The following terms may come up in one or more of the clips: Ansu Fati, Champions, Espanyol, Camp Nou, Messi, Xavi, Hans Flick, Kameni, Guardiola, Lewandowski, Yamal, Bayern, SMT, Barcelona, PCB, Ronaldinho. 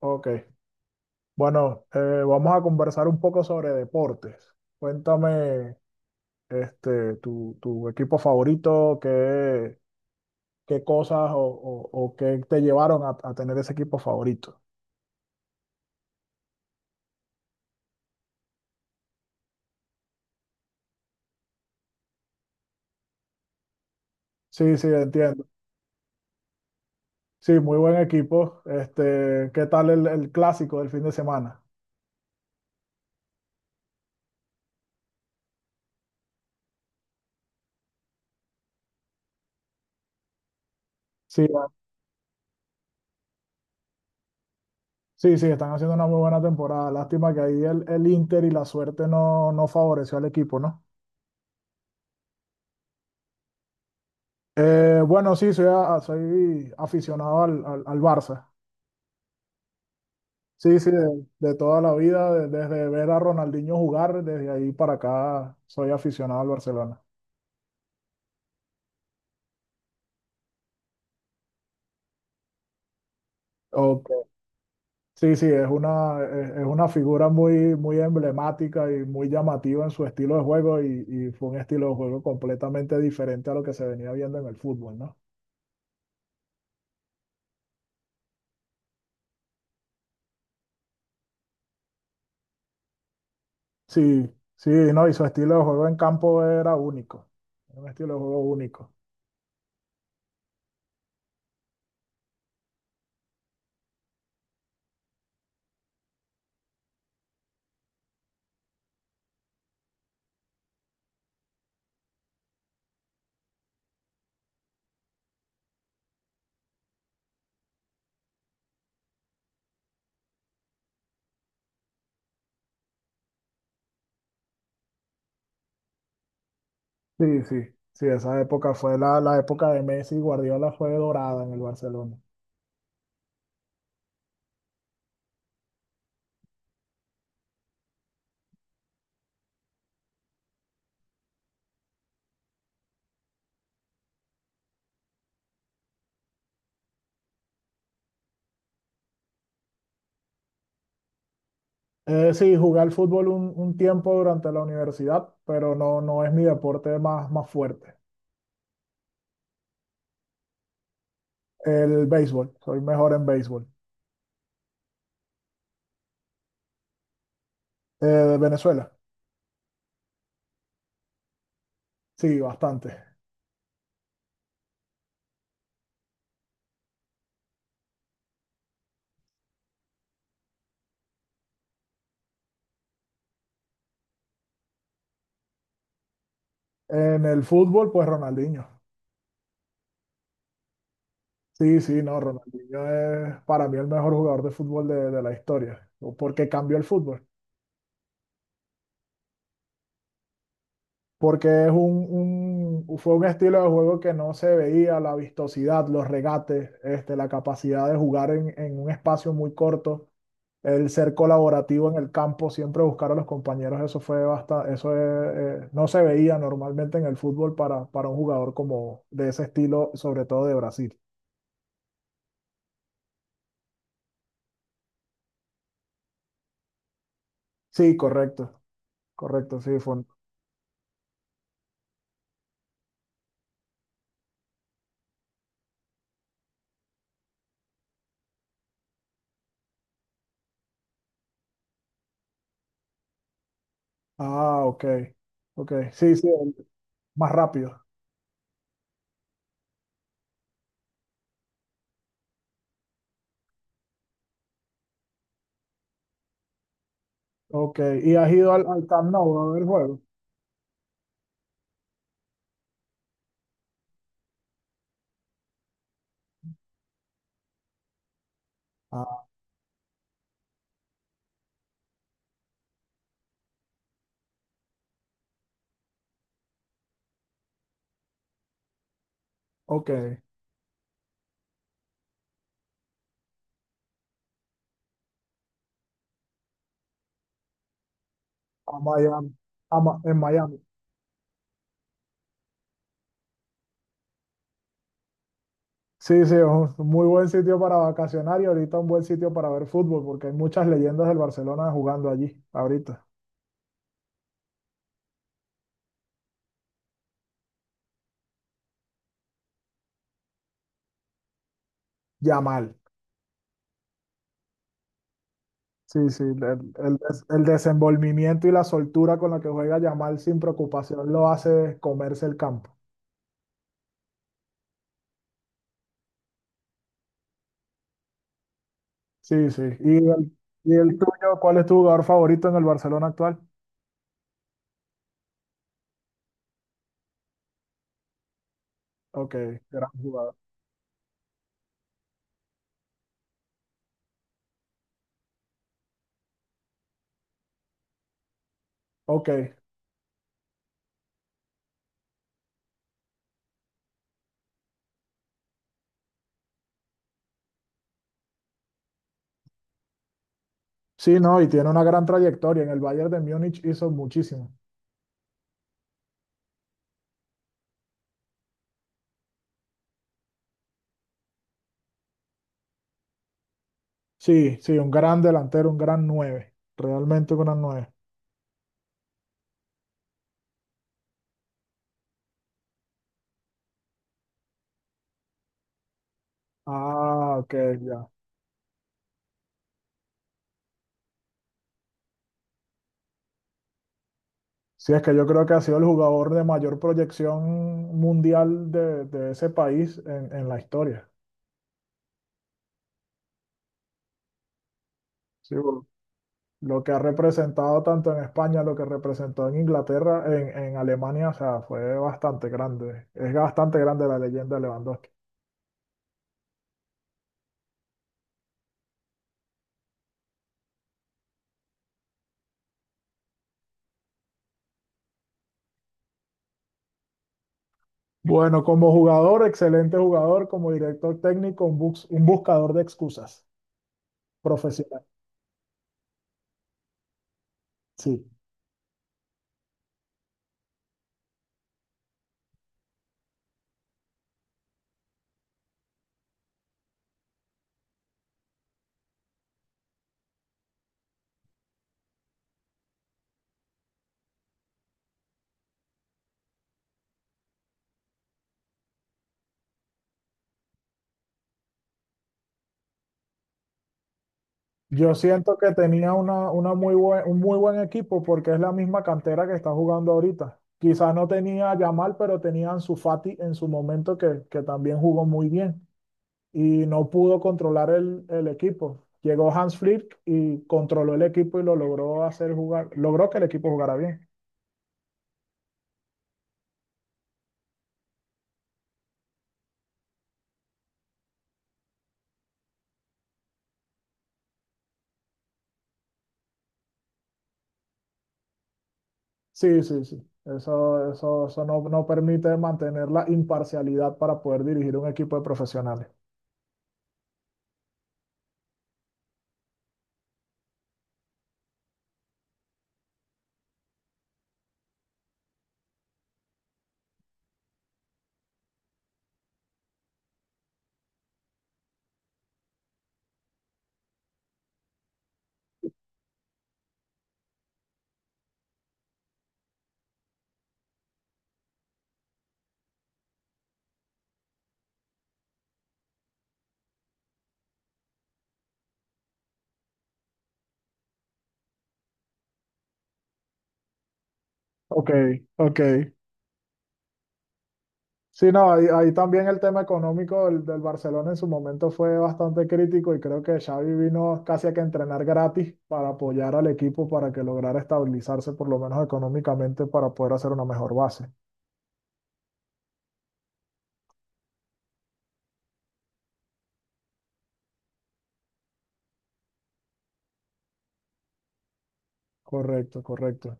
Ok, bueno, vamos a conversar un poco sobre deportes. Cuéntame, tu equipo favorito, qué cosas o qué te llevaron a tener ese equipo favorito. Sí, sí, entiendo. Sí, muy buen equipo. Este, ¿qué tal el clásico del fin de semana? Sí, va- sí, sí, están haciendo una muy buena temporada. Lástima que ahí el Inter y la suerte no favoreció al equipo, ¿no? Bueno, sí, soy aficionado al Barça. Sí, sí, de toda la vida, desde ver a Ronaldinho jugar, desde ahí para acá soy aficionado al Barcelona. Ok. Sí, sí, es una figura muy, muy emblemática y muy llamativa en su estilo de juego y fue un estilo de juego completamente diferente a lo que se venía viendo en el fútbol, ¿no? Sí, sí, no, y su estilo de juego en campo era único, era un estilo de juego único. Sí, sí, sí, esa época fue la época de Messi y Guardiola fue dorada en el Barcelona. Sí, jugué al fútbol un tiempo durante la universidad, pero no, no es mi deporte más fuerte. El béisbol, soy mejor en béisbol. De Venezuela, sí, bastante. En el fútbol, pues Ronaldinho. Sí, sí, no, Ronaldinho es para mí el mejor jugador de fútbol de la historia, o porque cambió el fútbol, porque es fue un estilo de juego que no se veía, la vistosidad, los regates, la capacidad de jugar en un espacio muy corto, el ser colaborativo en el campo, siempre buscar a los compañeros, eso fue bastante, eso es, no se veía normalmente en el fútbol para un jugador como de ese estilo, sobre todo de Brasil. Sí, correcto, correcto, sí, ah, ok, ok, sí, sí, más rápido. Ok, ¿y has ido al Camp Nou a ver el juego? Ah, ok, a Miami, en Miami. Sí, sí, es un muy buen sitio para vacacionar y ahorita un buen sitio para ver fútbol, porque hay muchas leyendas del Barcelona jugando allí, ahorita. Yamal. Sí, sí, el desenvolvimiento y la soltura con la que juega Yamal sin preocupación lo hace comerse el campo. Sí, sí. ¿Y y el tuyo? ¿Cuál es tu jugador favorito en el Barcelona actual? Ok, gran jugador. Ok. Sí, no, y tiene una gran trayectoria. En el Bayern de Múnich hizo muchísimo. Sí, sí, un gran delantero, un gran nueve. Realmente un gran nueve. Ah, ok, ya. Sí, es que yo creo que ha sido el jugador de mayor proyección mundial de ese país en la historia. Sí, por lo que ha representado tanto en España, lo que representó en Inglaterra, en Alemania, o sea, fue bastante grande. Es bastante grande la leyenda de Lewandowski. Bueno, como jugador, excelente jugador, como director técnico, un buscador de excusas profesional. Sí. Yo siento que tenía una muy buen, un muy buen equipo porque es la misma cantera que está jugando ahorita. Quizás no tenía a Yamal, pero tenía a Ansu Fati en su momento que también jugó muy bien y no pudo controlar el equipo. Llegó Hans Flick y controló el equipo y lo logró hacer jugar, logró que el equipo jugara bien. Sí, sí, sí. Eso no, no permite mantener la imparcialidad para poder dirigir un equipo de profesionales. Ok, ok. Sí, no, ahí, ahí también el tema económico del Barcelona en su momento fue bastante crítico y creo que Xavi vino casi a que entrenar gratis para apoyar al equipo para que lograra estabilizarse por lo menos económicamente para poder hacer una mejor base. Correcto, correcto.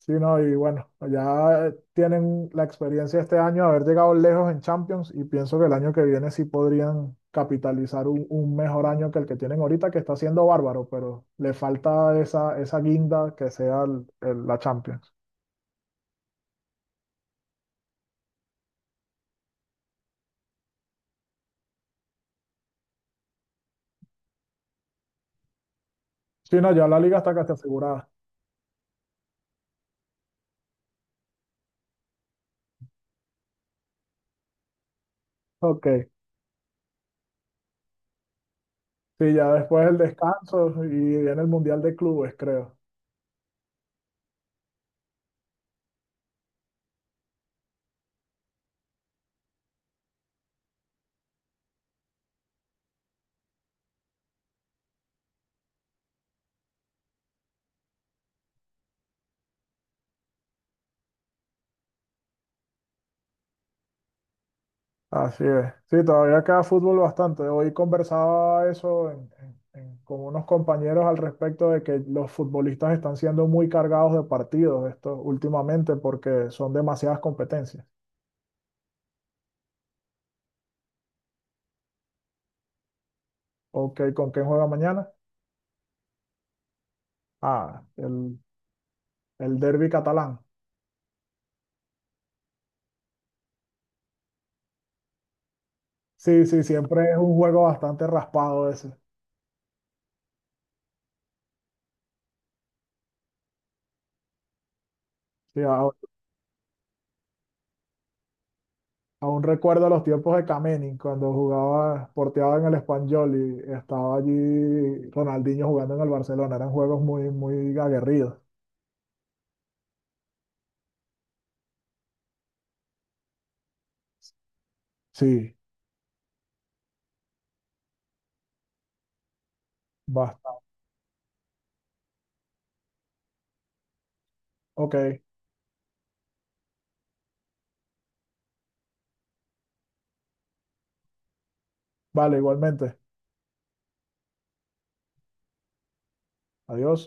Sí, no, y bueno, ya tienen la experiencia este año de haber llegado lejos en Champions y pienso que el año que viene sí podrían capitalizar un mejor año que el que tienen ahorita, que está siendo bárbaro, pero le falta esa, esa guinda que sea la Champions. Sí, no, ya la liga está casi asegurada. Ok. Sí, ya después el descanso y viene el Mundial de Clubes, creo. Así es. Sí, todavía queda fútbol bastante. Hoy conversaba eso con unos compañeros al respecto de que los futbolistas están siendo muy cargados de partidos esto últimamente porque son demasiadas competencias. Ok, ¿con quién juega mañana? Ah, el derbi catalán. Sí, sí, siempre es un juego bastante raspado ese. Sí, aún recuerdo los tiempos de Kameni, cuando jugaba, porteaba en el Espanyol y estaba allí Ronaldinho jugando en el Barcelona. Eran juegos muy, muy aguerridos. Sí, basta. Ok, vale, igualmente. Adiós.